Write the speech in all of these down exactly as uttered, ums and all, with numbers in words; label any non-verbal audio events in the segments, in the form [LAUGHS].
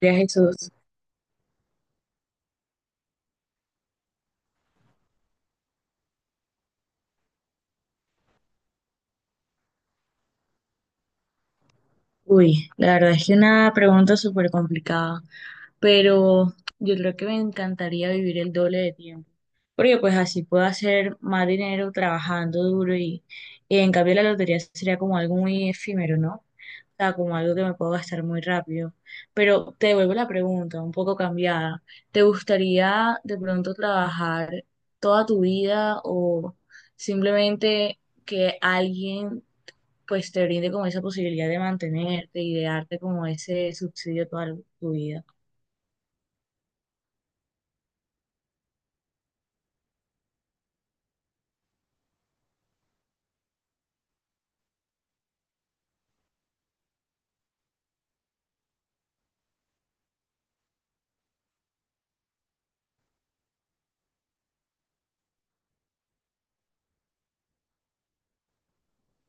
María Jesús, uy, la verdad es que una pregunta súper complicada, pero yo creo que me encantaría vivir el doble de tiempo, porque pues así puedo hacer más dinero trabajando duro y, y en cambio la lotería sería como algo muy efímero, ¿no? O sea, como algo que me puedo gastar muy rápido. Pero te devuelvo la pregunta, un poco cambiada. ¿Te gustaría de pronto trabajar toda tu vida o simplemente que alguien pues te brinde como esa posibilidad de mantenerte y de darte como ese subsidio toda tu vida?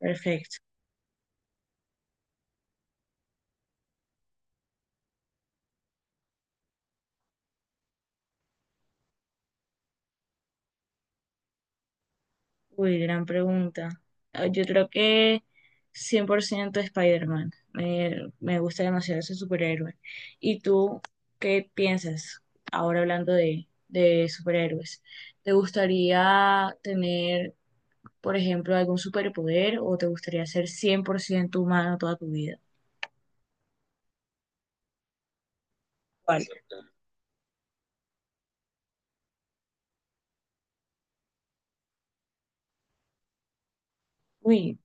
Perfecto. Uy, gran pregunta. Ah, Yo creo que cien por ciento Spider-Man. Me, me gusta demasiado ese superhéroe. ¿Y tú qué piensas ahora hablando de, de superhéroes? ¿Te gustaría tener, por ejemplo, algún superpoder o te gustaría ser cien por ciento humano toda tu vida? ¿Cuál? Uy,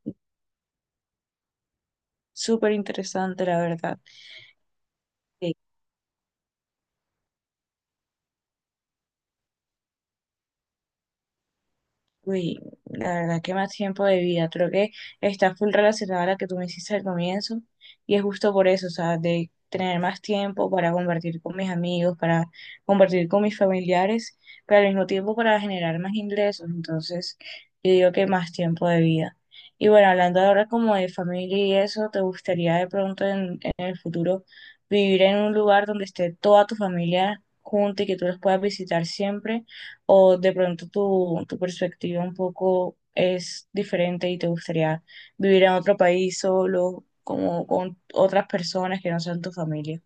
súper interesante, la verdad. Uy, la verdad que más tiempo de vida. Creo que está full relacionada a la que tú me hiciste al comienzo. Y es justo por eso, o sea, de tener más tiempo para compartir con mis amigos, para compartir con mis familiares, pero al mismo tiempo para generar más ingresos. Entonces, yo digo que más tiempo de vida. Y bueno, hablando ahora como de familia y eso, ¿te gustaría de pronto en, en el futuro vivir en un lugar donde esté toda tu familia junta y que tú los puedas visitar siempre? ¿O de pronto tu, tu perspectiva un poco es diferente y te gustaría vivir en otro país solo, como con otras personas que no sean tu familia?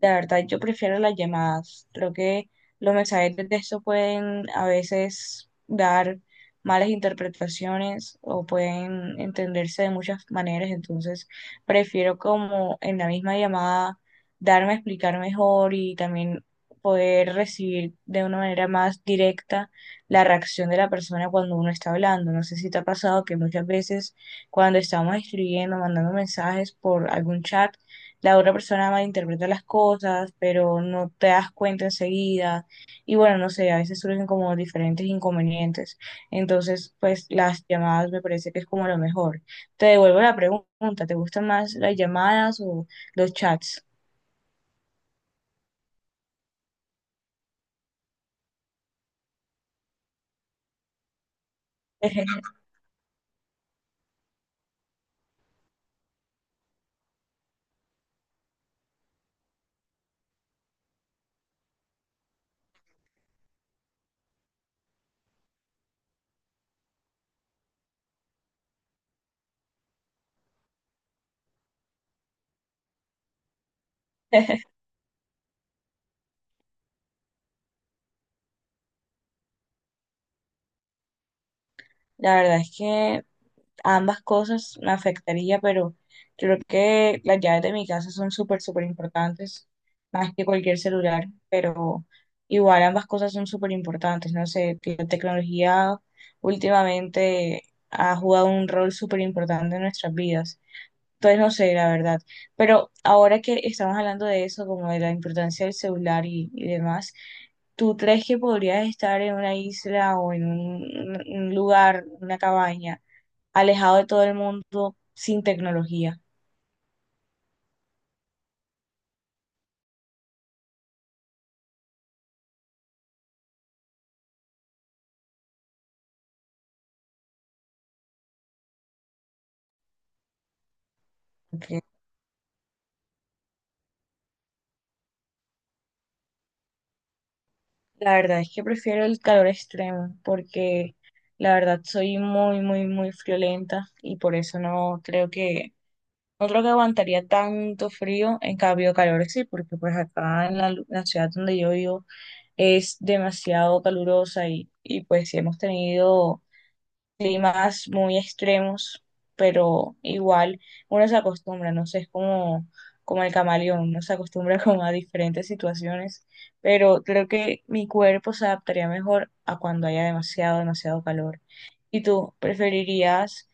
La verdad, yo prefiero las llamadas. Creo que los mensajes de texto pueden a veces dar malas interpretaciones o pueden entenderse de muchas maneras. Entonces, prefiero como en la misma llamada darme a explicar mejor y también poder recibir de una manera más directa la reacción de la persona cuando uno está hablando. No sé si te ha pasado que muchas veces cuando estamos escribiendo, mandando mensajes por algún chat, la otra persona malinterpreta las cosas, pero no te das cuenta enseguida. Y bueno, no sé, a veces surgen como diferentes inconvenientes. Entonces, pues las llamadas me parece que es como lo mejor. Te devuelvo la pregunta, ¿te gustan más las llamadas o los chats? [LAUGHS] La verdad es que ambas cosas me afectaría, pero creo que las llaves de mi casa son súper, súper importantes, más que cualquier celular, pero igual ambas cosas son súper importantes, no sé, que la tecnología últimamente ha jugado un rol súper importante en nuestras vidas. Entonces no sé, la verdad. Pero ahora que estamos hablando de eso, como de la importancia del celular y, y demás, ¿tú crees que podrías estar en una isla o en un, un lugar, una cabaña, alejado de todo el mundo sin tecnología? Porque la verdad es que prefiero el calor extremo porque la verdad soy muy, muy, muy friolenta y por eso no creo que No creo que aguantaría tanto frío, en cambio calor sí, porque pues acá en la, lu- la ciudad donde yo vivo es demasiado calurosa y, y pues sí hemos tenido climas muy extremos, pero igual uno se acostumbra, no sé, es como, como el camaleón, uno se acostumbra [LAUGHS] como a diferentes situaciones, pero creo que mi cuerpo se adaptaría mejor a cuando haya demasiado, demasiado calor. ¿Y tú preferirías,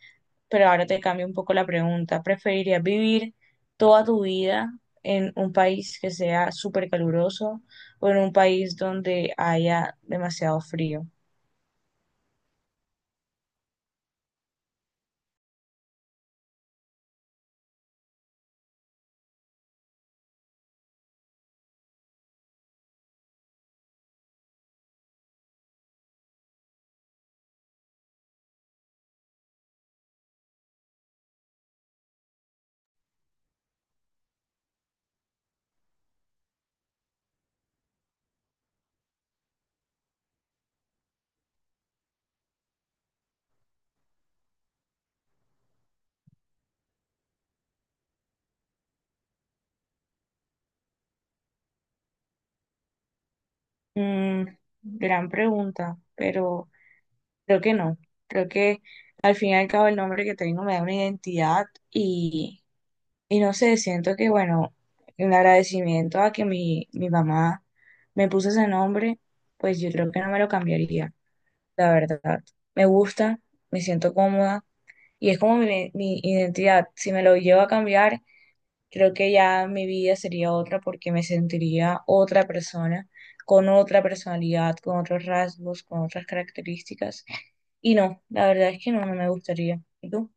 pero ahora te cambio un poco la pregunta, preferirías vivir toda tu vida en un país que sea súper caluroso o en un país donde haya demasiado frío? Mm, Gran pregunta, pero creo que no. Creo que al fin y al cabo el nombre que tengo me da una identidad y, y no sé, siento que, bueno, un agradecimiento a que mi, mi mamá me puso ese nombre, pues yo creo que no me lo cambiaría, la verdad. Me gusta, me siento cómoda y es como mi, mi identidad. Si me lo llevo a cambiar, Creo que ya mi vida sería otra porque me sentiría otra persona, con otra personalidad, con otros rasgos, con otras características. Y no, la verdad es que no, no me gustaría. ¿Y tú?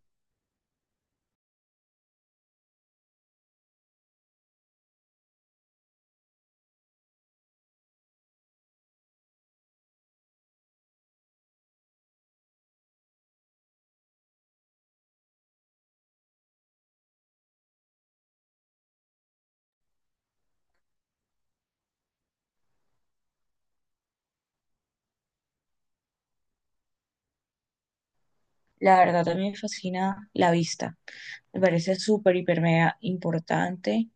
La verdad también me fascina la vista. Me parece súper, hiper, mega importante.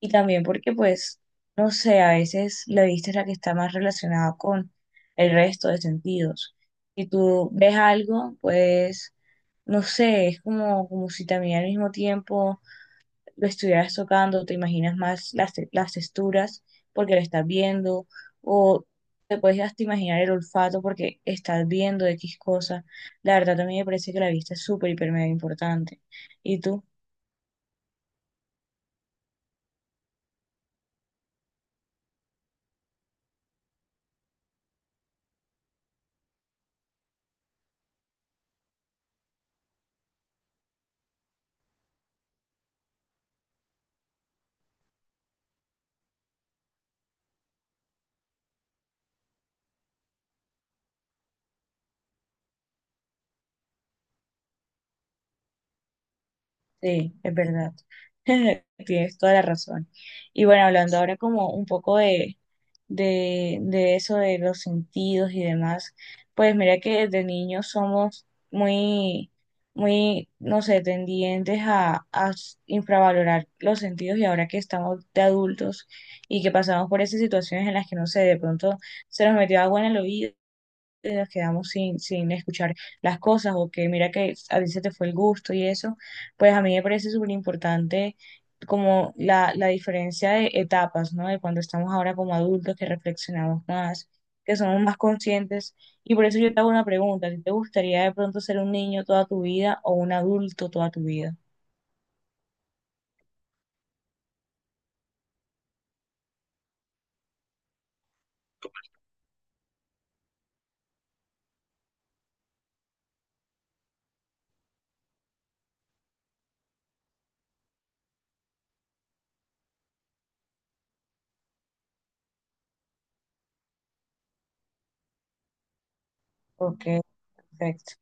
Y también porque, pues, no sé, a veces la vista es la que está más relacionada con el resto de sentidos. Si tú ves algo, pues, no sé, es como, como si también al mismo tiempo lo estuvieras tocando, te imaginas más las, te- las texturas porque lo estás viendo, o te puedes hasta imaginar el olfato porque estás viendo X cosa. La verdad también me parece que la vista es súper, hiper, mega importante. ¿Y tú? Sí, es verdad. [LAUGHS] Tienes toda la razón. Y bueno, hablando ahora como un poco de de, de eso de los sentidos y demás. Pues mira que desde niños somos muy, muy, no sé, tendientes a, a s- infravalorar los sentidos y ahora que estamos de adultos y que pasamos por esas situaciones en las que, no sé, de pronto se nos metió agua en el oído eh, nos quedamos sin, sin escuchar las cosas o que mira que a ti se te fue el gusto y eso, pues a mí me parece súper importante como la, la diferencia de etapas, ¿no? De cuando estamos ahora como adultos, que reflexionamos más, que somos más conscientes. Y por eso yo te hago una pregunta, ¿a ti te gustaría de pronto ser un niño toda tu vida o un adulto toda tu vida? Ok, perfecto.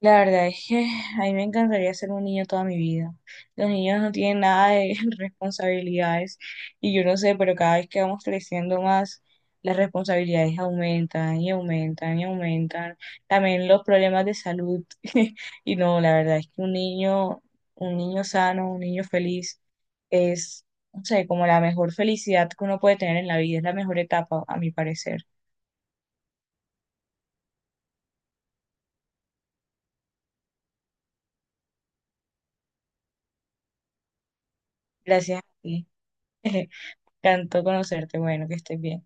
La verdad es que a mí me encantaría ser un niño toda mi vida. Los niños no tienen nada de [LAUGHS] responsabilidades y yo no sé, pero cada vez que vamos creciendo más, las responsabilidades aumentan y aumentan y aumentan. También los problemas de salud. [LAUGHS] Y no, la verdad es que un niño, un niño sano, un niño feliz es, no sé, como la mejor felicidad que uno puede tener en la vida, es la mejor etapa, a mi parecer. Gracias a ti. [LAUGHS] Encantó conocerte. Bueno, que estés bien.